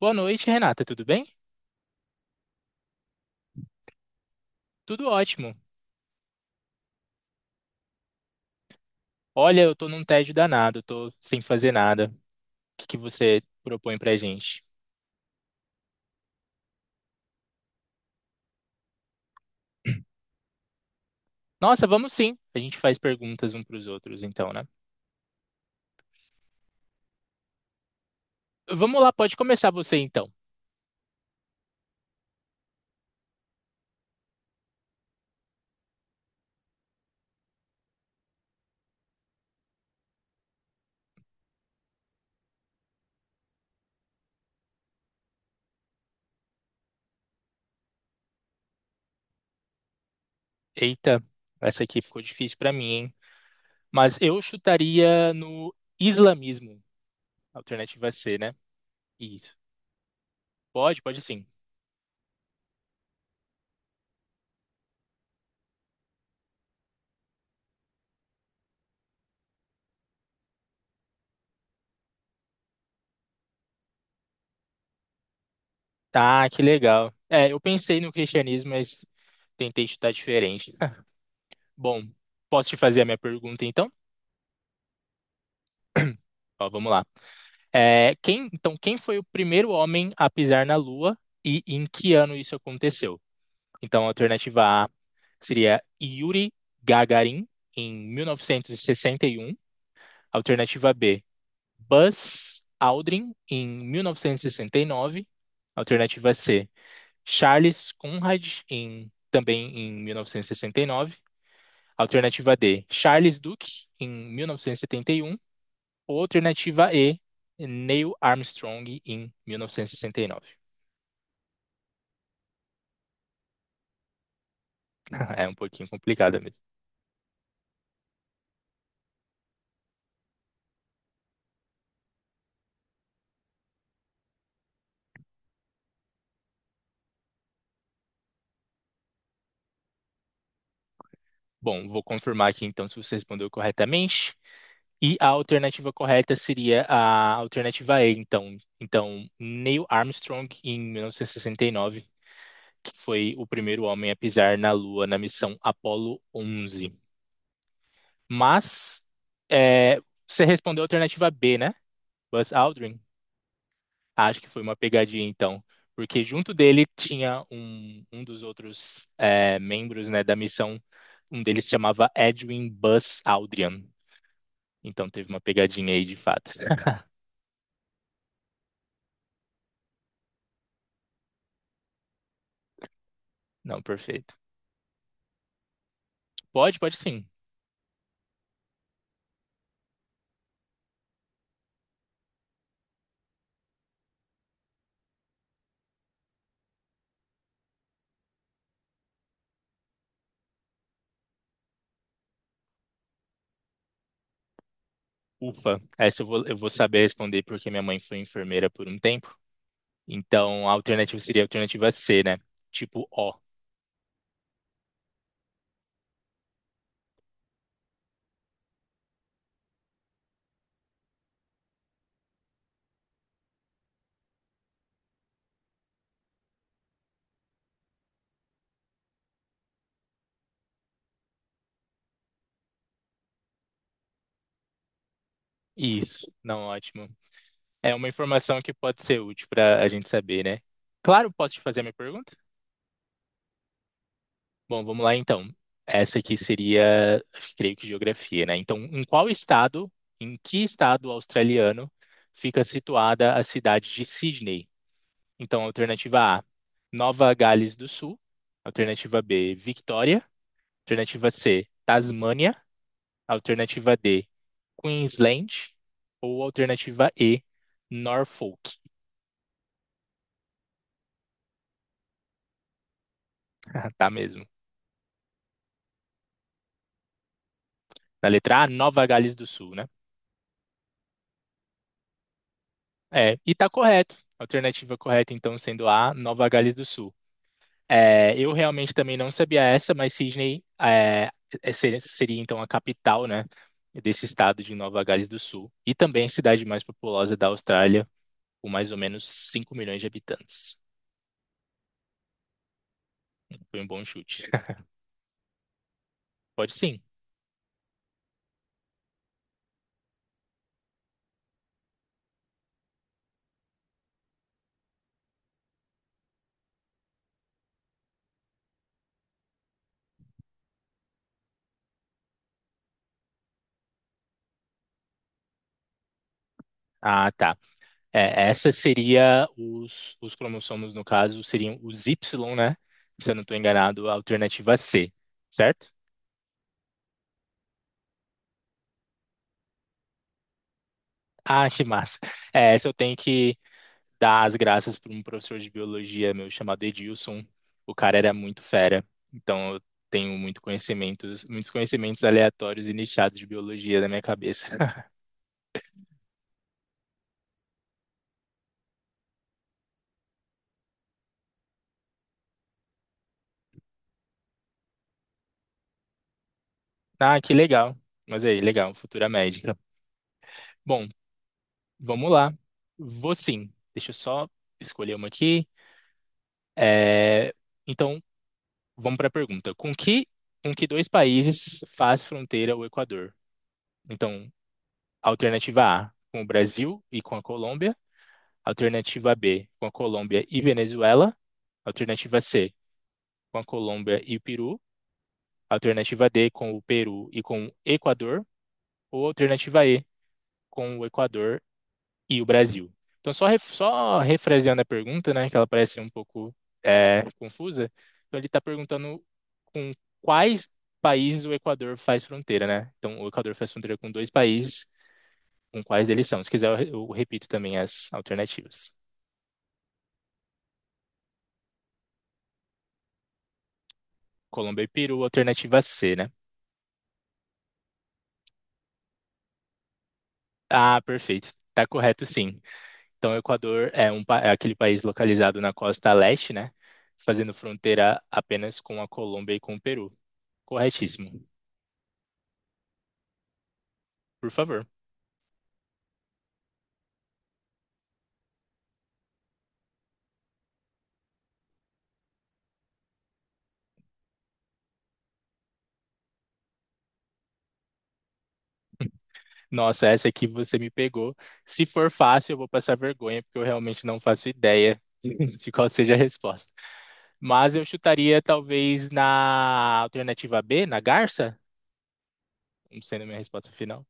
Boa noite, Renata, tudo bem? Tudo ótimo. Olha, eu tô num tédio danado, tô sem fazer nada. O que que você propõe pra gente? Nossa, vamos sim. A gente faz perguntas um pros outros, então, né? Vamos lá, pode começar você então. Eita, essa aqui ficou difícil pra mim, hein? Mas eu chutaria no islamismo, alternativa é C, né? Isso. Pode, pode sim. Tá, que legal. É, eu pensei no cristianismo, mas tentei chutar diferente. Bom, posso te fazer a minha pergunta então? Ó, vamos lá. É, quem, então, quem foi o primeiro homem a pisar na Lua e em que ano isso aconteceu? Então, a alternativa A seria Yuri Gagarin, em 1961. Alternativa B, Buzz Aldrin, em 1969. Alternativa C, Charles Conrad, também em 1969. Alternativa D, Charles Duke, em 1971. Alternativa E, Neil Armstrong em 1969. É um pouquinho complicada mesmo. Bom, vou confirmar aqui então se você respondeu corretamente. E a alternativa correta seria a alternativa E, então. Então, Neil Armstrong em 1969, que foi o primeiro homem a pisar na Lua na missão Apollo 11. Mas é, você respondeu a alternativa B, né? Buzz Aldrin. Acho que foi uma pegadinha, então. Porque junto dele tinha um dos outros membros, né, da missão. Um deles se chamava Edwin Buzz Aldrin. Então teve uma pegadinha aí, de fato. Não, perfeito. Pode, pode sim. Ufa. Essa eu vou saber responder porque minha mãe foi enfermeira por um tempo. Então a alternativa seria a alternativa C, né? Tipo O. Isso. Não, ótimo. É uma informação que pode ser útil para a gente saber, né? Claro, posso te fazer a minha pergunta? Bom, vamos lá então. Essa aqui seria, acho que creio que geografia, né? Então, em que estado australiano fica situada a cidade de Sydney? Então, alternativa A, Nova Gales do Sul. Alternativa B, Victoria. Alternativa C, Tasmânia. Alternativa D, Queensland. Ou alternativa E, Norfolk. Tá mesmo. Na letra A, Nova Gales do Sul, né? E tá correto. Alternativa correta, então, sendo A, Nova Gales do Sul. Eu realmente também não sabia essa, mas Sydney seria então a capital, né, desse estado de Nova Gales do Sul e também a cidade mais populosa da Austrália, com mais ou menos 5 milhões de habitantes. Foi um bom chute. Pode sim. Ah, tá. Essa seria os cromossomos, no caso, seriam os Y, né? Se eu não estou enganado, a alternativa C, certo? Ah, que massa. Essa eu tenho que dar as graças para um professor de biologia meu chamado Edilson. O cara era muito fera. Então eu tenho muitos conhecimentos aleatórios e nichados de biologia na minha cabeça. Ah, que legal. Mas aí, legal, futura médica. Bom, vamos lá. Vou sim. Deixa eu só escolher uma aqui. É, Então, vamos para a pergunta. Com que dois países faz fronteira o Equador? Então, alternativa A, com o Brasil e com a Colômbia. Alternativa B, com a Colômbia e Venezuela. Alternativa C, com a Colômbia e o Peru. Alternativa D, com o Peru e com o Equador. Ou alternativa E, com o Equador e o Brasil. Então, só refraseando a pergunta, né, que ela parece um pouco confusa. Então, ele está perguntando com quais países o Equador faz fronteira, né? Então, o Equador faz fronteira com dois países, com quais eles são. Se quiser, eu repito também as alternativas. Colômbia e Peru, alternativa C, né? Ah, perfeito. Tá correto, sim. Então, o Equador é aquele país localizado na costa leste, né? Fazendo fronteira apenas com a Colômbia e com o Peru. Corretíssimo. Por favor. Nossa, essa aqui você me pegou. Se for fácil, eu vou passar vergonha, porque eu realmente não faço ideia de qual seja a resposta. Mas eu chutaria talvez na alternativa B, na Garça, como sendo a minha resposta final.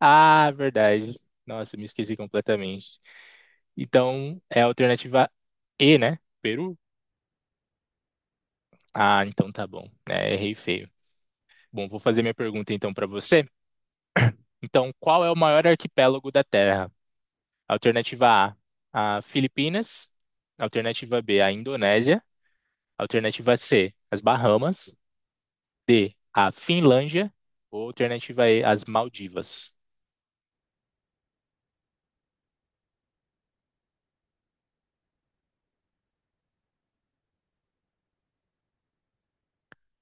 Ah, verdade. Nossa, me esqueci completamente. Então, é a alternativa E, né? Peru? Ah, então tá bom. Errei feio. Bom, vou fazer minha pergunta então para você. Então, qual é o maior arquipélago da Terra? Alternativa A, a Filipinas. Alternativa B, a Indonésia. Alternativa C, as Bahamas. D, a Finlândia. Ou alternativa E, as Maldivas.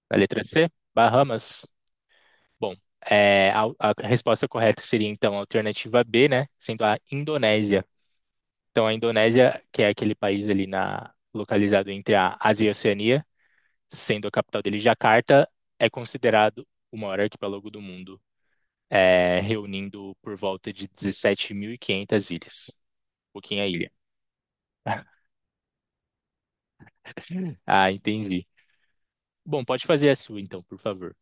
A letra C, Bahamas. Bom, a resposta correta seria então a alternativa B, né? Sendo a Indonésia. Então, a Indonésia, que é aquele país ali localizado entre a Ásia e a Oceania, sendo a capital dele Jakarta, é considerado o maior arquipélago do mundo, reunindo por volta de 17.500 ilhas. Pouquinha ilha. Ah, entendi. Bom, pode fazer a sua então, por favor.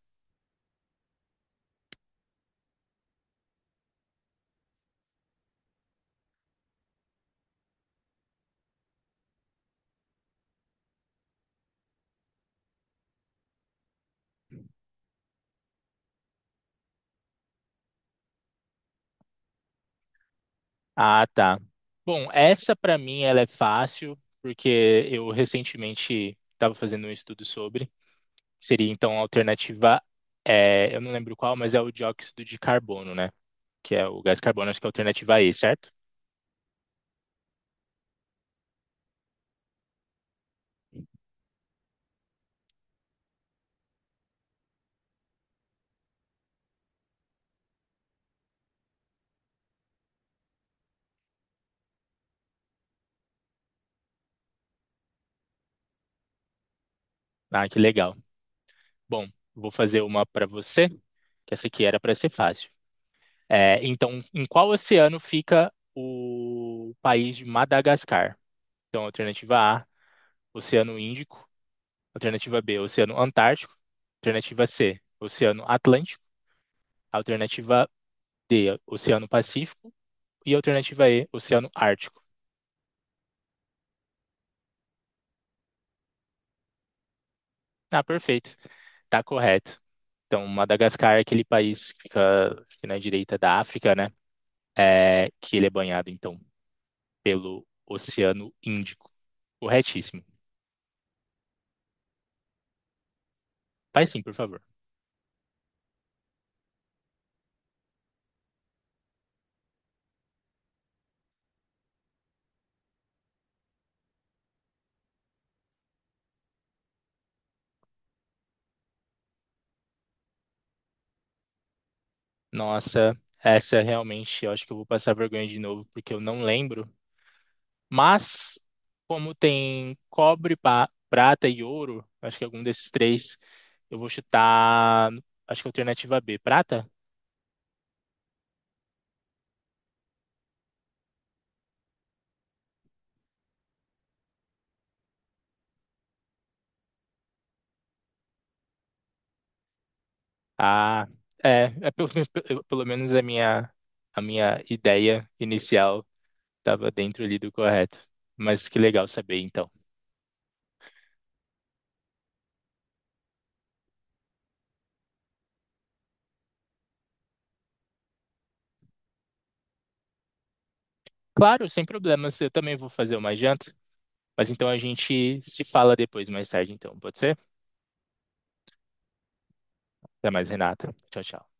Ah, tá. Bom, essa para mim ela é fácil, porque eu recentemente estava fazendo um estudo sobre, que seria então a alternativa, eu não lembro qual, mas é o dióxido de carbono, né? Que é o gás carbono, acho que é a alternativa E, certo? Ah, que legal. Bom, vou fazer uma para você, que essa aqui era para ser fácil. Então, em qual oceano fica o país de Madagascar? Então, alternativa A, Oceano Índico. Alternativa B, Oceano Antártico. Alternativa C, Oceano Atlântico. Alternativa D, Oceano Pacífico. E a alternativa E, Oceano Ártico. Ah, perfeito. Tá correto. Então, Madagascar é aquele país que fica na direita da África, né? Que ele é banhado, então, pelo Oceano Índico. Corretíssimo. Faz sim, por favor. Nossa, essa realmente, eu acho que eu vou passar vergonha de novo, porque eu não lembro. Mas, como tem cobre, prata e ouro, acho que algum desses três, eu vou chutar, acho que é a alternativa B, prata? Ah, é, é pelo, pelo menos a minha ideia inicial estava dentro ali do correto. Mas que legal saber, então. Claro, sem problemas, eu também vou fazer uma janta. Mas então a gente se fala depois, mais tarde, então, pode ser? Até mais, Renata. Tchau, tchau.